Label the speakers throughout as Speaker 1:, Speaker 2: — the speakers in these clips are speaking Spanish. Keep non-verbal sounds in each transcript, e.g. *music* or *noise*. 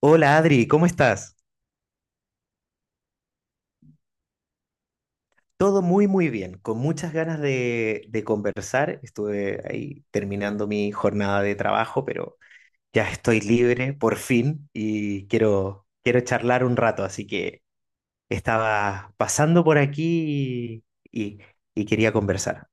Speaker 1: Hola Adri, ¿cómo estás? Todo muy muy bien, con muchas ganas de conversar. Estuve ahí terminando mi jornada de trabajo, pero ya estoy libre por fin y quiero charlar un rato, así que estaba pasando por aquí y, y quería conversar.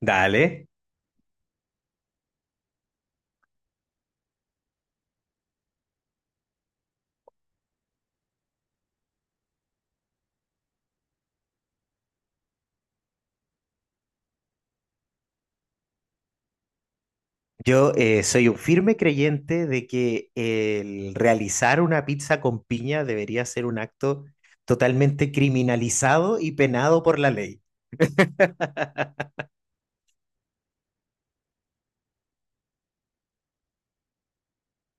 Speaker 1: Dale. Yo soy un firme creyente de que el realizar una pizza con piña debería ser un acto totalmente criminalizado y penado por la ley.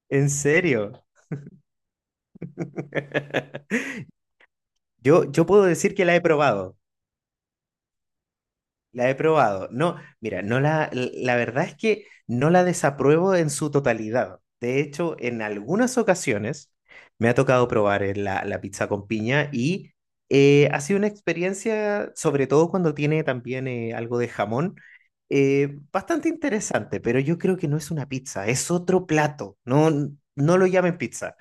Speaker 1: ¿En serio? *laughs* Yo puedo decir que la he probado, la he probado. No, mira, no la, la verdad es que no la desapruebo en su totalidad. De hecho, en algunas ocasiones me ha tocado probar la pizza con piña y ha sido una experiencia, sobre todo cuando tiene también algo de jamón, bastante interesante, pero yo creo que no es una pizza, es otro plato. No, no lo llamen pizza.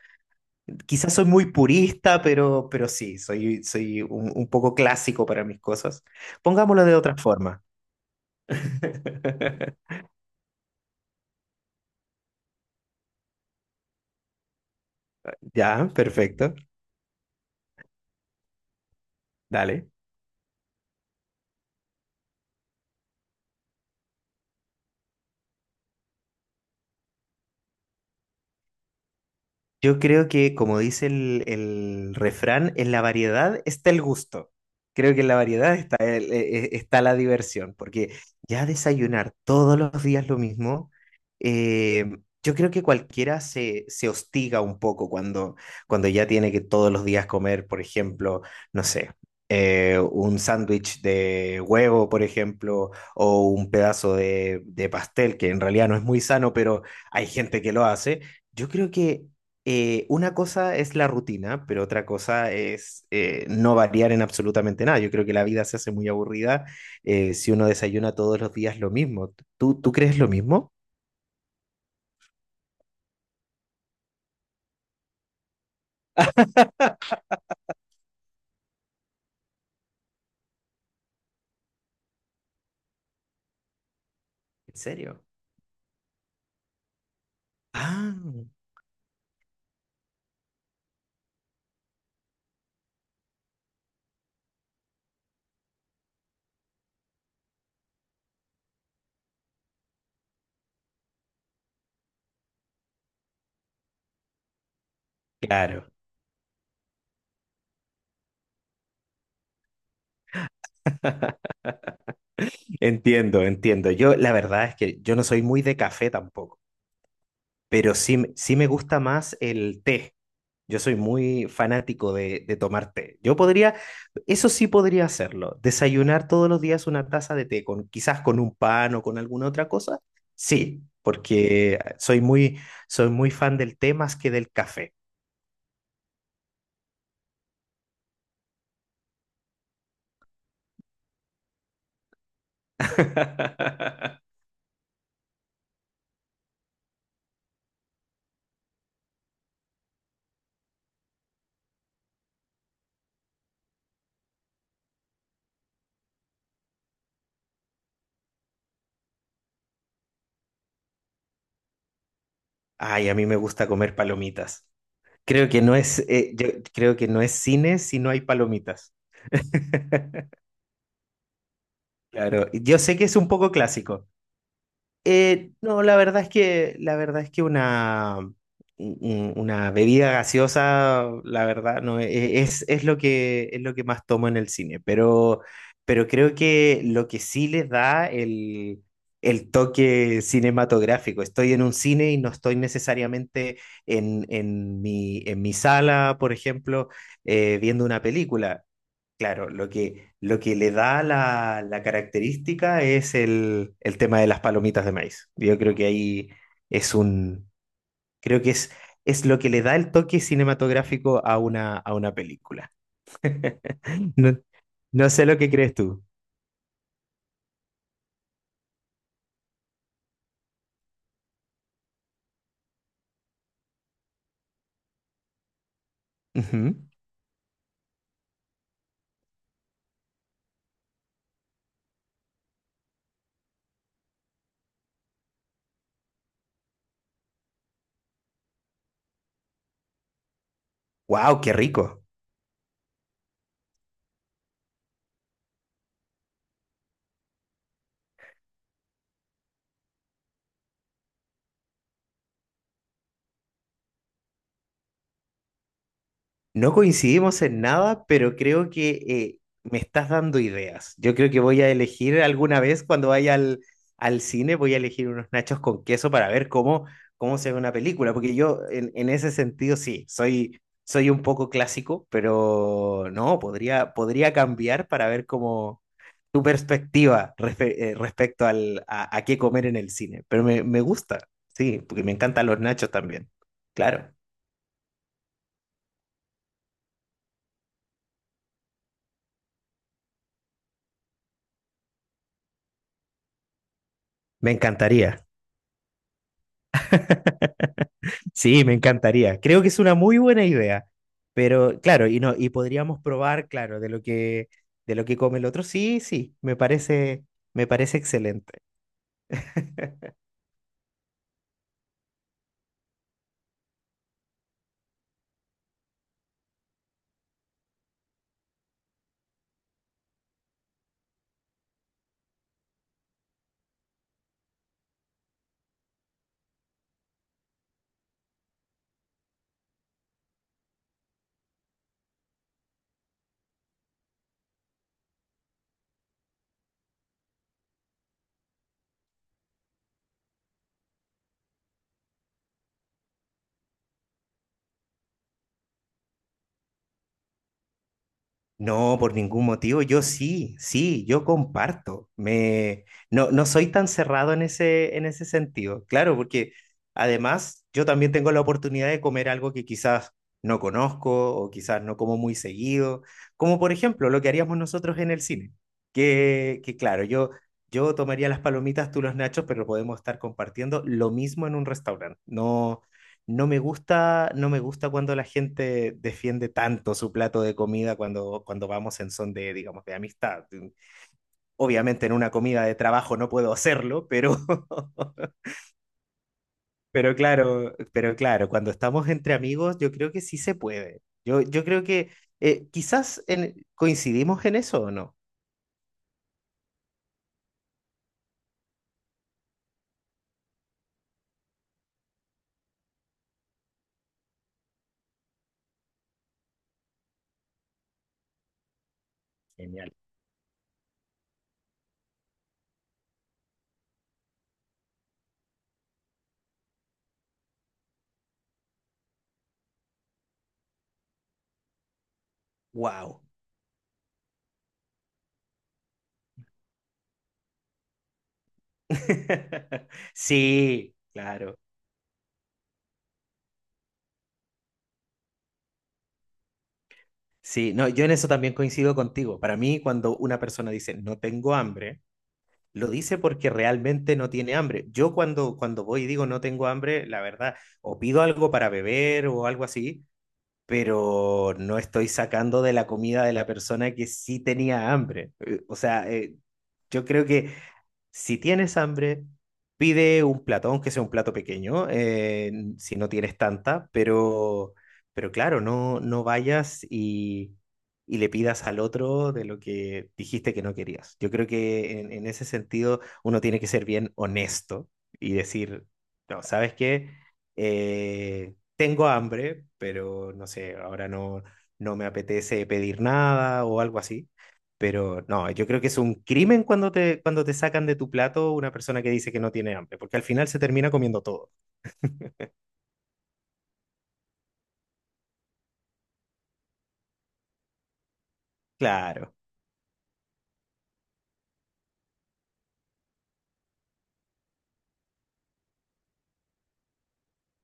Speaker 1: Quizás soy muy purista, pero sí, soy, soy un poco clásico para mis cosas. Pongámoslo de otra forma. *laughs* Ya, perfecto. Dale. Yo creo que, como dice el refrán, en la variedad está el gusto. Creo que en la variedad está, está la diversión, porque ya desayunar todos los días lo mismo, eh, yo creo que cualquiera se, se hostiga un poco cuando, cuando ya tiene que todos los días comer, por ejemplo, no sé, un sándwich de huevo, por ejemplo, o un pedazo de pastel, que en realidad no es muy sano, pero hay gente que lo hace. Yo creo que una cosa es la rutina, pero otra cosa es no variar en absolutamente nada. Yo creo que la vida se hace muy aburrida si uno desayuna todos los días lo mismo. ¿Tú, tú crees lo mismo? ¿En serio? Ah, claro. Entiendo, entiendo. Yo la verdad es que yo no soy muy de café tampoco. Pero sí me gusta más el té. Yo soy muy fanático de tomar té. Yo podría, eso sí podría hacerlo, desayunar todos los días una taza de té, con, quizás con un pan o con alguna otra cosa. Sí, porque soy muy fan del té más que del café. *laughs* Ay, a mí me gusta comer palomitas. Creo que no es, yo creo que no es cine si no hay palomitas. Claro, yo sé que es un poco clásico. No, la verdad es que, la verdad es que una, una bebida gaseosa, la verdad, no, es lo que más tomo en el cine, pero creo que lo que sí les da el toque cinematográfico. Estoy en un cine y no estoy necesariamente en mi sala, por ejemplo, viendo una película. Claro, lo que le da la, la característica es el tema de las palomitas de maíz. Yo creo que ahí es un, creo que es lo que le da el toque cinematográfico a una película. No, no sé lo que crees tú. Wow, qué rico. No coincidimos en nada, pero creo que me estás dando ideas. Yo creo que voy a elegir alguna vez cuando vaya al, al cine, voy a elegir unos nachos con queso para ver cómo, cómo se ve una película, porque yo en ese sentido sí, soy, soy un poco clásico, pero no, podría, podría cambiar para ver cómo tu perspectiva respecto al, a qué comer en el cine. Pero me gusta, sí, porque me encantan los nachos también. Claro, me encantaría. *laughs* Sí, me encantaría. Creo que es una muy buena idea. Pero claro, y no, y podríamos probar, claro, de lo que come el otro. Sí, sí, me parece excelente. No, por ningún motivo. Yo sí, sí, yo comparto. Me, no, no soy tan cerrado en ese sentido. Claro, porque además yo también tengo la oportunidad de comer algo que quizás no conozco o quizás no como muy seguido, como por ejemplo lo que haríamos nosotros en el cine. Que claro, yo tomaría las palomitas, tú los nachos, pero podemos estar compartiendo lo mismo en un restaurante. No, no me gusta, no me gusta cuando la gente defiende tanto su plato de comida cuando, cuando vamos en son de, digamos, de amistad. Obviamente en una comida de trabajo no puedo hacerlo, pero, *laughs* pero claro, cuando estamos entre amigos, yo creo que sí se puede. Yo creo que quizás coincidimos en eso o no. Genial. Wow. *laughs* Sí, claro. Sí, no, yo en eso también coincido contigo. Para mí, cuando una persona dice no tengo hambre, lo dice porque realmente no tiene hambre. Yo cuando, cuando voy y digo no tengo hambre, la verdad, o pido algo para beber o algo así, pero no estoy sacando de la comida de la persona que sí tenía hambre. O sea, yo creo que si tienes hambre, pide un plato, aunque sea un plato pequeño, si no tienes tanta, pero claro, no vayas y le pidas al otro de lo que dijiste que no querías. Yo creo que en ese sentido uno tiene que ser bien honesto y decir, no, ¿sabes qué? Tengo hambre, pero no sé, ahora no, no me apetece pedir nada o algo así. Pero no, yo creo que es un crimen cuando te sacan de tu plato una persona que dice que no tiene hambre, porque al final se termina comiendo todo. Claro,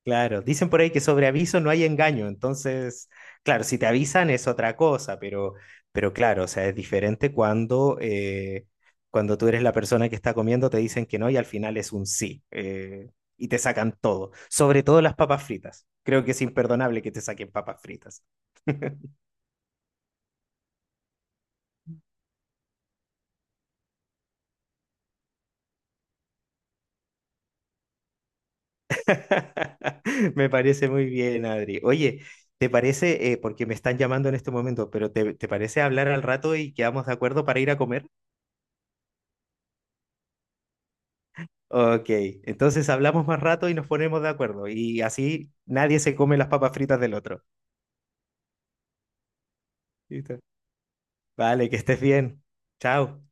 Speaker 1: claro. Dicen por ahí que sobre aviso no hay engaño, entonces, claro, si te avisan es otra cosa, pero claro, o sea, es diferente cuando, cuando tú eres la persona que está comiendo, te dicen que no y al final es un sí, y te sacan todo, sobre todo las papas fritas. Creo que es imperdonable que te saquen papas fritas. *laughs* Me parece muy bien, Adri. Oye, ¿te parece, porque me están llamando en este momento, pero te parece hablar al rato y quedamos de acuerdo para ir a comer? Ok, entonces hablamos más rato y nos ponemos de acuerdo y así nadie se come las papas fritas del otro. ¿Listo? Vale, que estés bien. Chao.